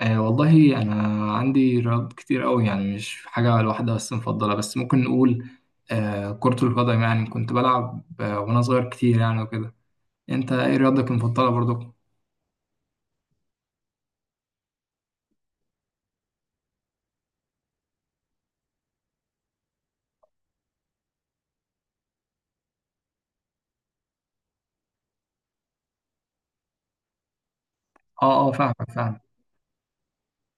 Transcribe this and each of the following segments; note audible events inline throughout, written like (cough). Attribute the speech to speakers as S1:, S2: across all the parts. S1: والله أنا عندي رياضات كتير أوي، يعني مش حاجة الواحدة بس مفضلة، بس ممكن نقول كرة القدم. يعني كنت بلعب وأنا صغير كتير يعني وكده. أنت إيه رياضتك المفضلة برضو؟ أه أه، فاهمك فاهم.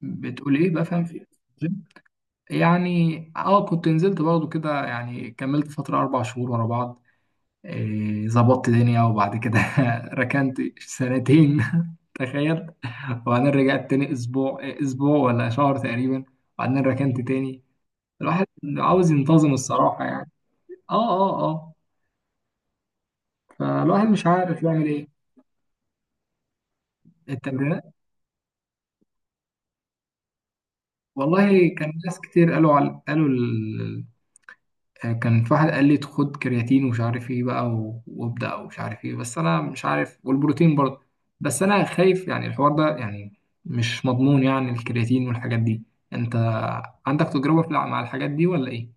S1: بتقول إيه بقى، فاهم في جيم؟ يعني كنت نزلت برضو كده، يعني كملت فترة 4 شهور ورا بعض. ظبطت دنيا، وبعد كده (laughs) ركنت سنتين (laughs) تخيل. وبعدين رجعت تاني أسبوع، أسبوع ولا شهر تقريبا، وبعدين ركنت تاني. الواحد عاوز ينتظم الصراحة يعني. اه اه اه، فالواحد مش عارف يعمل ايه. التمرينات. والله كان ناس كتير قالوا كان في واحد قال لي خد كرياتين ومش عارف ايه بقى، و... وابدأ ومش عارف ايه، بس انا مش عارف، والبروتين برضه. بس انا خايف، يعني الحوار ده يعني مش مضمون، يعني الكرياتين والحاجات دي. انت عندك تجربة مع الحاجات دي ولا ايه؟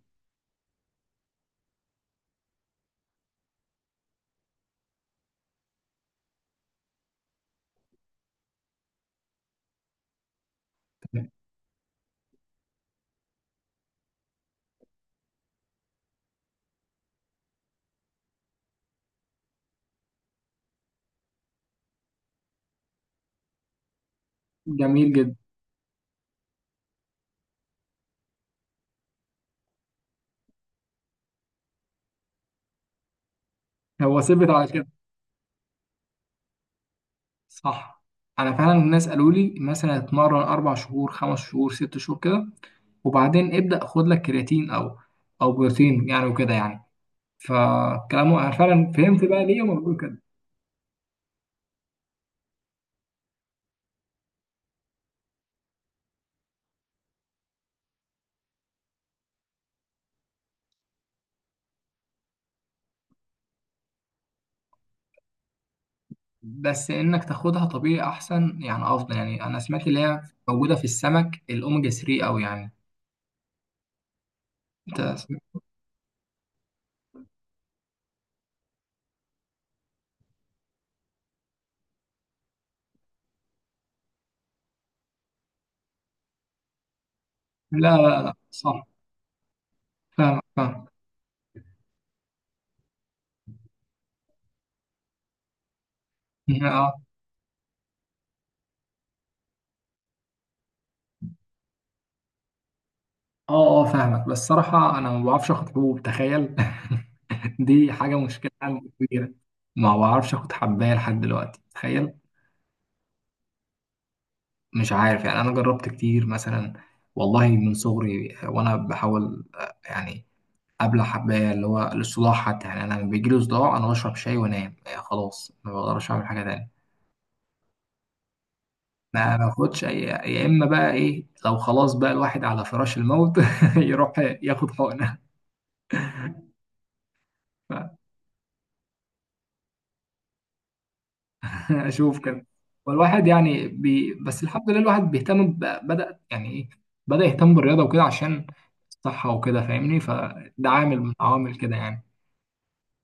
S1: جميل جدا. هو ثبت على. صح. انا فعلا الناس قالوا لي مثلا اتمرن 4 شهور، 5 شهور، 6 شهور كده، وبعدين ابدا خد لك كرياتين او بروتين يعني وكده يعني. فكلامه انا فعلا فهمت بقى ليه هما بيقولوا كده. بس انك تاخدها طبيعي احسن، يعني افضل يعني. انا سمعت اللي هي موجوده في السمك، الاوميجا 3 او يعني. انت سمعت؟ لا لا لا، صح. فاهم فاهم. (laughs) اه اه، فاهمك. بس صراحة انا ما بعرفش اخد حبوب، تخيل. (laughs) دي حاجة مشكلة عندي كبيرة. ما بعرفش اخد حباية لحد دلوقتي، تخيل. مش عارف يعني، انا جربت كتير مثلا. والله من صغري وانا بحاول، يعني ابلع حباية. اللي هو الصداع حتى، يعني انا لما بيجيلي صداع انا بشرب شاي وانام. خلاص ما بقدرش اعمل حاجة تانية. ما باخدش يا اما بقى ايه، لو خلاص بقى الواحد على فراش الموت (laughs) يروح ياخد حقنة. (laughs) اشوف كده. والواحد يعني بس الحمد لله الواحد بيهتم بدأ يعني ايه بدأ يهتم بالرياضة وكده عشان الصحة وكده، فاهمني؟ فده عامل من عوامل كده يعني.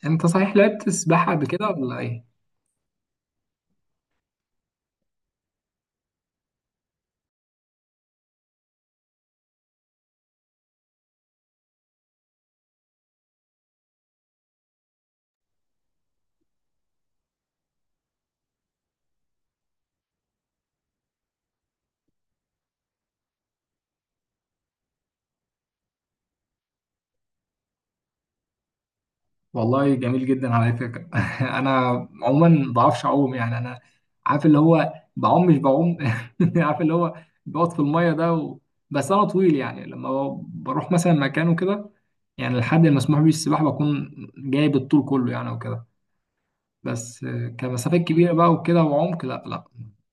S1: انت صحيح لعبت سباحة قبل كده ولا ايه؟ والله جميل جدا على فكرة. (laughs) انا عموما ما بعرفش اعوم يعني. انا عارف اللي هو بعوم مش بعوم. (laughs) عارف اللي هو بقعد في المية ده بس انا طويل، يعني لما بروح مثلا مكان وكده، يعني الحد المسموح بيه السباحة بكون جايب الطول كله يعني وكده. بس كمسافات كبيرة بقى وكده، وعمق لا لا.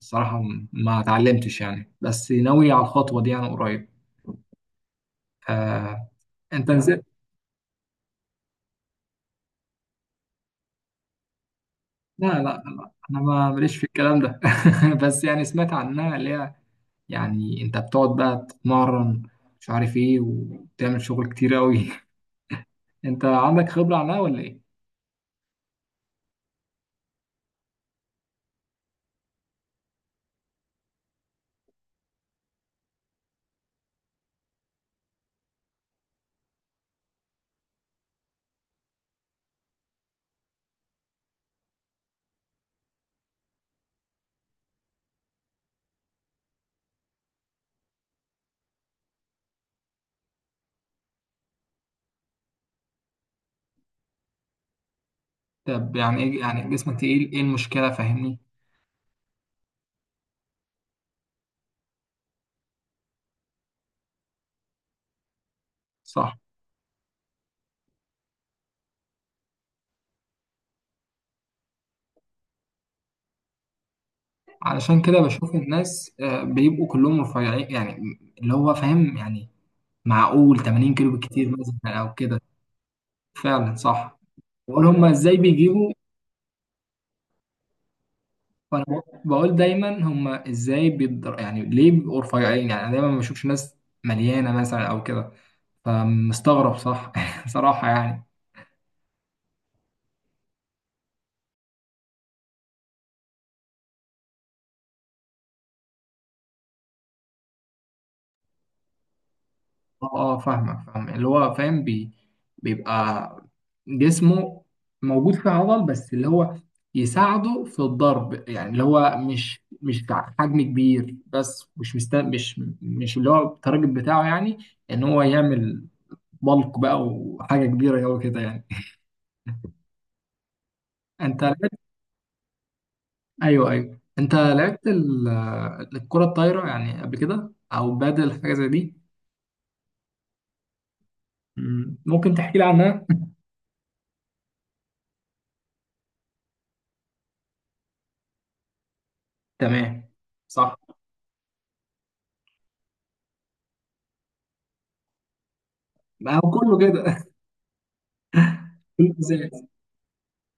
S1: الصراحة ما اتعلمتش يعني، بس ناوي على الخطوة دي أنا قريب. آه، أنت نزلت. لا لا لا، أنا ما ماليش في الكلام ده. (laughs) بس يعني سمعت عنها اللي هي، يعني أنت بتقعد بقى تتمرن مش عارف إيه، وتعمل شغل كتير أوي. (laughs) أنت عندك خبرة عنها ولا إيه؟ طب يعني إيه يعني جسمك تقيل، إيه المشكلة فاهمني؟ صح. علشان كده بشوف الناس بيبقوا كلهم رفيعين يعني، اللي هو فاهم يعني. معقول 80 كيلو بالكتير مثلا او كده. فعلا صح. بقول هما ازاي بيجيبوا. فانا بقول دايما هما ازاي بيقدر، يعني ليه بيبقوا رفيعين يعني؟ انا دايما ما بشوفش ناس مليانه مثلا او كده، فمستغرب صح. (laughs) صراحه يعني. اه اه فاهمك فاهم. اللي هو فاهم بيبقى جسمه موجود فيه عضل، بس اللي هو يساعده في الضرب، يعني اللي هو مش حجم كبير، بس مش اللي هو التارجت بتاعه يعني، ان هو يعمل بلق بقى وحاجه كبيره قوي كده يعني. (laughs) انت لعبت. ايوه ايوه، انت لعبت الكره الطايره يعني قبل كده، او بادل حاجه زي دي؟ مم. ممكن تحكي لي عنها. تمام. صح. ما هو كله كده. (laughs) كله زي.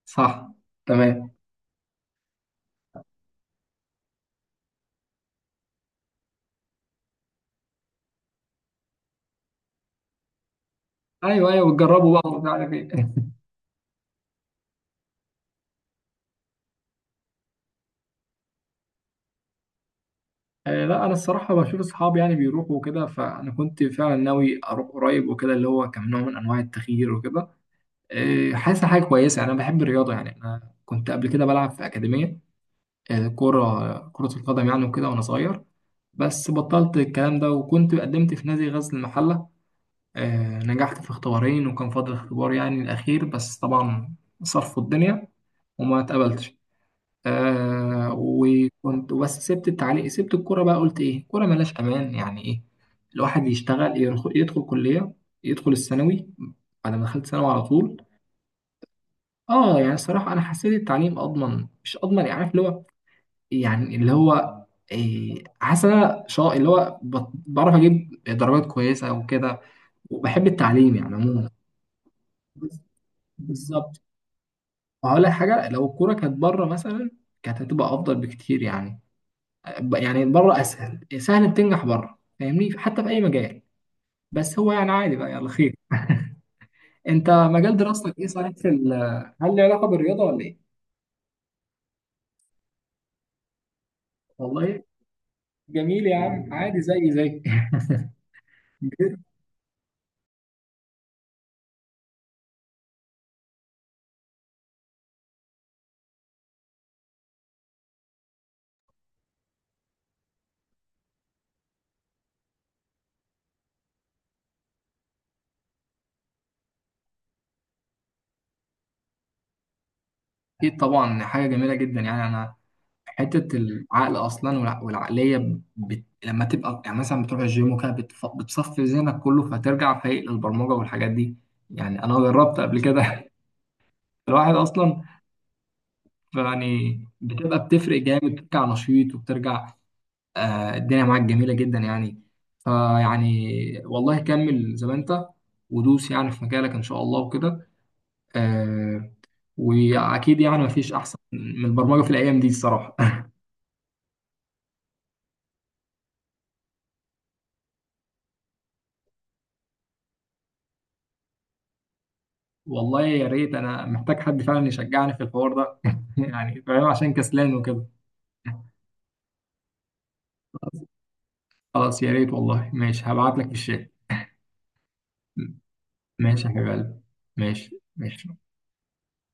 S1: صح. تمام. ايوه ايوه بتجربوا بقى ومش عارف ايه. (laughs) لا انا الصراحه بشوف اصحابي يعني بيروحوا وكده، فانا كنت فعلا ناوي اروح قريب وكده، اللي هو كان نوع من انواع التغيير وكده. حاسس حاجه كويسه يعني. انا بحب الرياضه يعني. انا كنت قبل كده بلعب في اكاديميه، كره القدم يعني، وكده وانا صغير. بس بطلت الكلام ده، وكنت قدمت في نادي غزل المحله. نجحت في اختبارين، وكان فاضل اختبار يعني الاخير، بس طبعا صرفوا الدنيا وما اتقبلتش. وكنت بس سبت التعليق، سبت الكوره بقى. قلت ايه، كوره ملاش امان، يعني ايه، الواحد يشتغل، يدخل كليه، يدخل الثانوي. بعد ما دخلت ثانوي على طول، اه. يعني الصراحه انا حسيت التعليم اضمن، مش اضمن يعني، عارف اللي هو، يعني اللي هو، إيه، حاسس إن انا اللي هو بعرف اجيب درجات كويسه وكده، وبحب التعليم يعني عموما. بس- بالظبط. وهقول لك حاجه، لو الكوره كانت بره مثلا كانت هتبقى افضل بكتير يعني. يعني بره اسهل، سهل بتنجح بره فاهمني، حتى في اي مجال. بس هو يعني عادي بقى، يلا خير. انت مجال دراستك ايه صحيح، في هل له علاقه بالرياضه ولا ايه؟ والله، جميل يا عم، عادي زي زي. (laughs) اكيد طبعا، حاجه جميله جدا يعني. انا حته العقل اصلا والعقليه لما تبقى يعني مثلا بتروح الجيم وكده، بتصفي ذهنك كله فترجع فايق للبرمجه والحاجات دي. يعني انا جربت قبل كده. (laughs) الواحد اصلا يعني بتبقى بتفرق جامد، بترجع نشيط وبترجع الدنيا معاك جميلة جدا يعني. فيعني، والله كمل زي ما انت، ودوس يعني في مجالك ان شاء الله وكده. آه، واكيد يعني مفيش احسن من البرمجة في الايام دي الصراحة. (laughs) والله يا ريت، انا محتاج حد فعلا يشجعني في الحوار ده. (laughs) يعني فاهم، عشان كسلان وكده. خلاص يا ريت والله، ماشي هبعت لك في الشات. ماشي يا حبيب قلبي. ماشي ماشي.